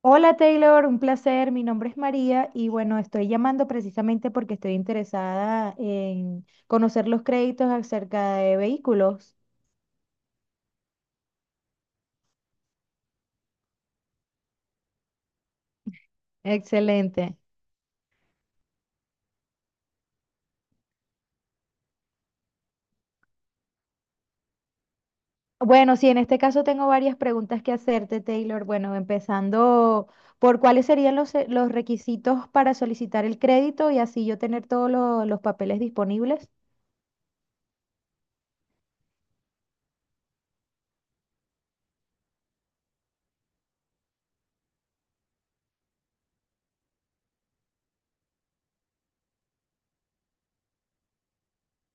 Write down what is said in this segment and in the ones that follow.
Hola Taylor, un placer. Mi nombre es María y bueno, estoy llamando precisamente porque estoy interesada en conocer los créditos acerca de vehículos. Excelente. Bueno, sí, en este caso tengo varias preguntas que hacerte, Taylor. Bueno, empezando por cuáles serían los requisitos para solicitar el crédito y así yo tener todos los papeles disponibles.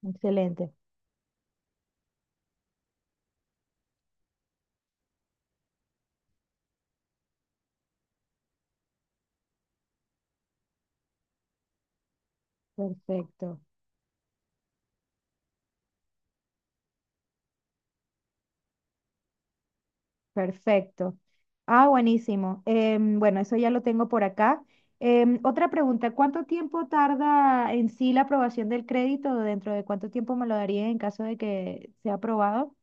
Excelente, perfecto. Perfecto. Ah, buenísimo. Bueno, eso ya lo tengo por acá. Otra pregunta, ¿cuánto tiempo tarda en sí la aprobación del crédito? ¿Dentro de cuánto tiempo me lo daría en caso de que sea aprobado?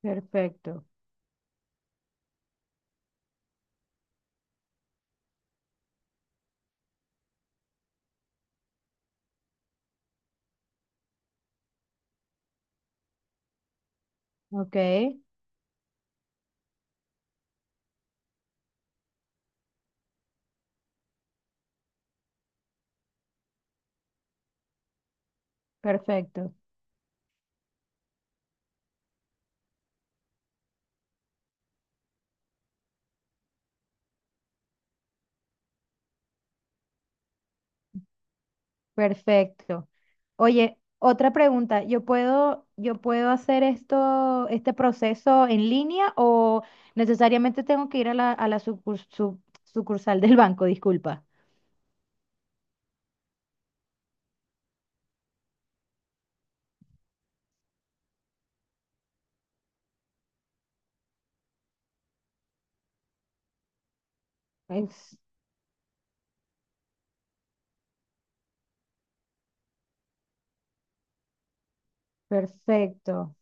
Perfecto. Ok, perfecto. Perfecto. Oye, otra pregunta, yo puedo hacer esto, este proceso en línea o necesariamente tengo que ir a a la sucursal del banco? Disculpa. Es- Perfecto,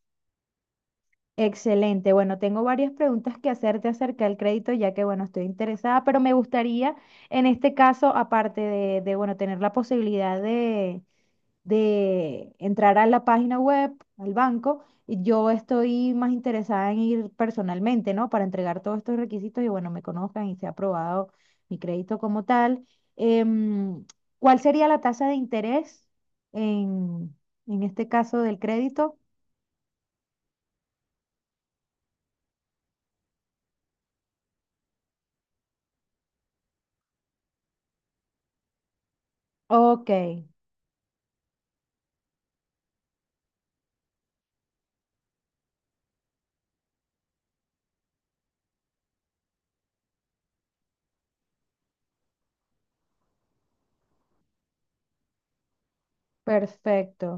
excelente. Bueno, tengo varias preguntas que hacerte acerca del crédito, ya que, bueno, estoy interesada, pero me gustaría, en este caso, aparte bueno, tener la posibilidad de entrar a la página web, al banco, y yo estoy más interesada en ir personalmente, ¿no? Para entregar todos estos requisitos y, bueno, me conozcan y sea aprobado mi crédito como tal. Em, ¿Cuál sería la tasa de interés en, en este caso del crédito? Ok, perfecto,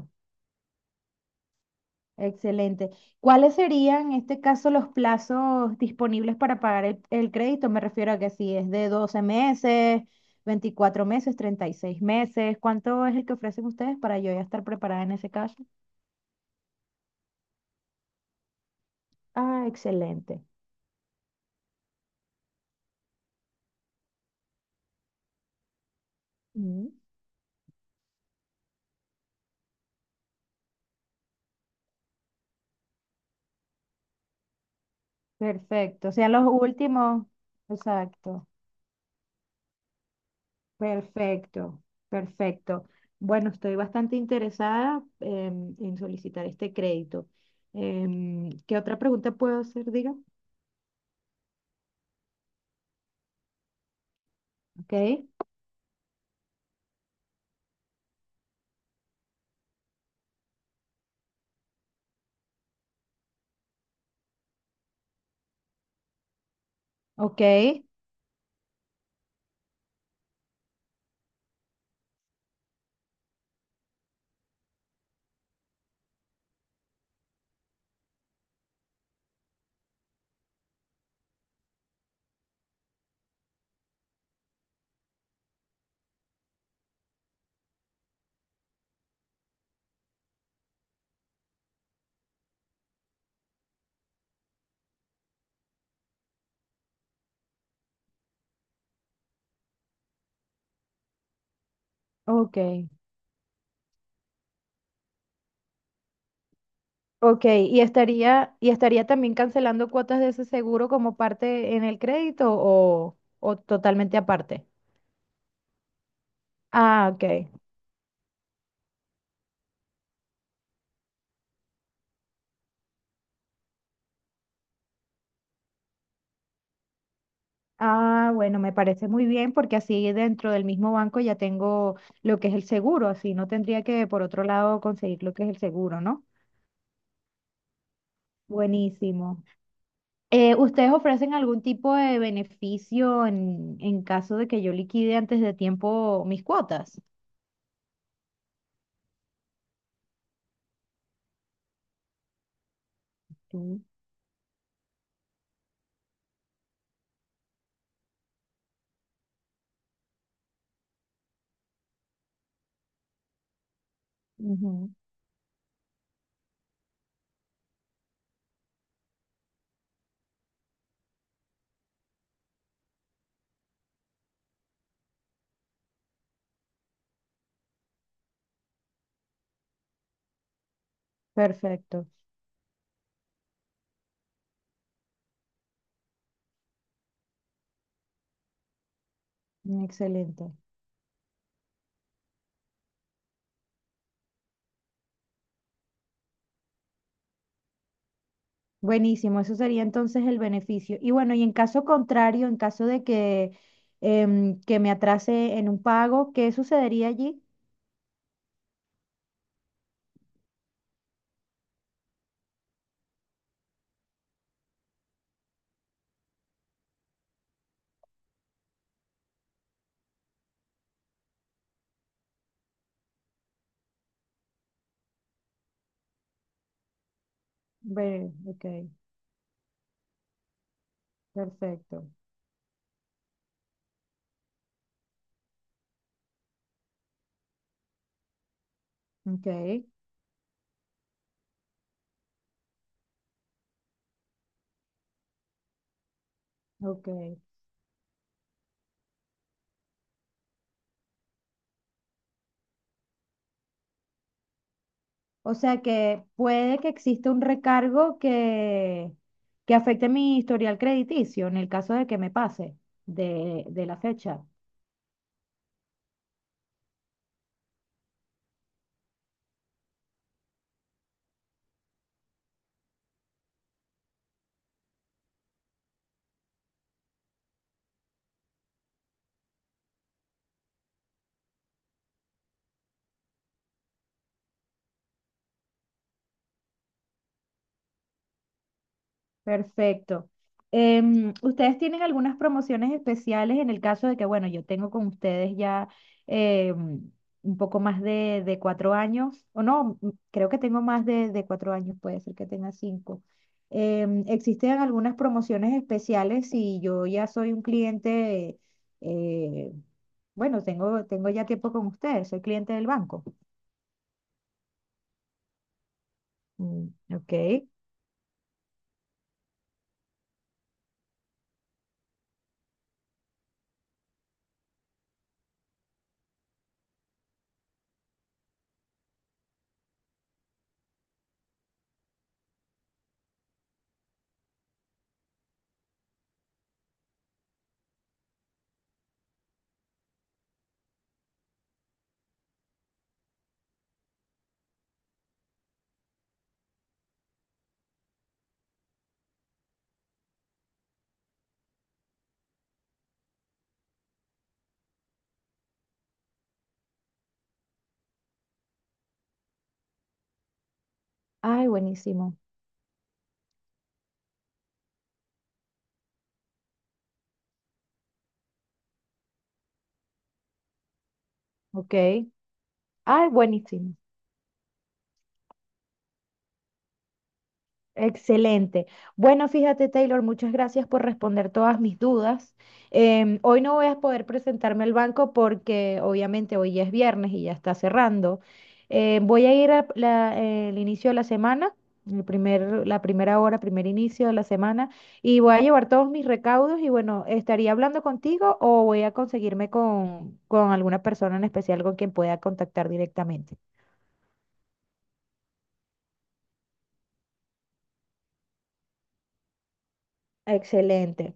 excelente. ¿Cuáles serían en este caso los plazos disponibles para pagar el crédito? Me refiero a que si es de 12 meses, 24 meses, 36 meses, ¿cuánto es el que ofrecen ustedes para yo ya estar preparada en ese caso? Ah, excelente. Mm, perfecto, o sea, los últimos. Exacto. Perfecto, perfecto. Bueno, estoy bastante interesada en solicitar este crédito. ¿Qué otra pregunta puedo hacer, diga? Ok, ok, ok, ok. ¿Y estaría también cancelando cuotas de ese seguro como parte en el crédito o totalmente aparte? Ah, ok. Ah, bueno, me parece muy bien porque así dentro del mismo banco ya tengo lo que es el seguro, así no tendría que por otro lado conseguir lo que es el seguro, ¿no? Buenísimo. ¿Ustedes ofrecen algún tipo de beneficio en caso de que yo liquide antes de tiempo mis cuotas? Sí. Ujú, perfecto, excelente. Buenísimo, eso sería entonces el beneficio. Y bueno, y en caso contrario, en caso de que, que me atrase en un pago, ¿qué sucedería allí? Ok, perfecto. Ok, ok. O sea que puede que exista un recargo que afecte mi historial crediticio en el caso de que me pase de la fecha. Perfecto. ¿Ustedes tienen algunas promociones especiales en el caso de que, bueno, yo tengo con ustedes ya em, un poco más de 4 años, o no, creo que tengo más de 4 años, puede ser que tenga 5. ¿Existen algunas promociones especiales si yo ya soy un cliente, eh, bueno, tengo ya tiempo con ustedes, soy cliente del banco? Mm, ok. Ay, buenísimo. Ok. Ay, buenísimo. Excelente. Bueno, fíjate, Taylor, muchas gracias por responder todas mis dudas. Hoy no voy a poder presentarme al banco porque obviamente hoy ya es viernes y ya está cerrando. Voy a ir al inicio de la semana, el primer, la primera hora, primer inicio de la semana, y voy a llevar todos mis recaudos y bueno, estaría hablando contigo o voy a conseguirme con alguna persona en especial con quien pueda contactar directamente. Excelente.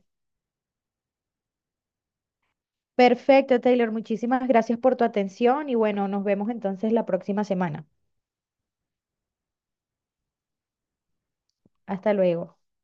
Perfecto, Taylor. Muchísimas gracias por tu atención y bueno, nos vemos entonces la próxima semana. Hasta luego.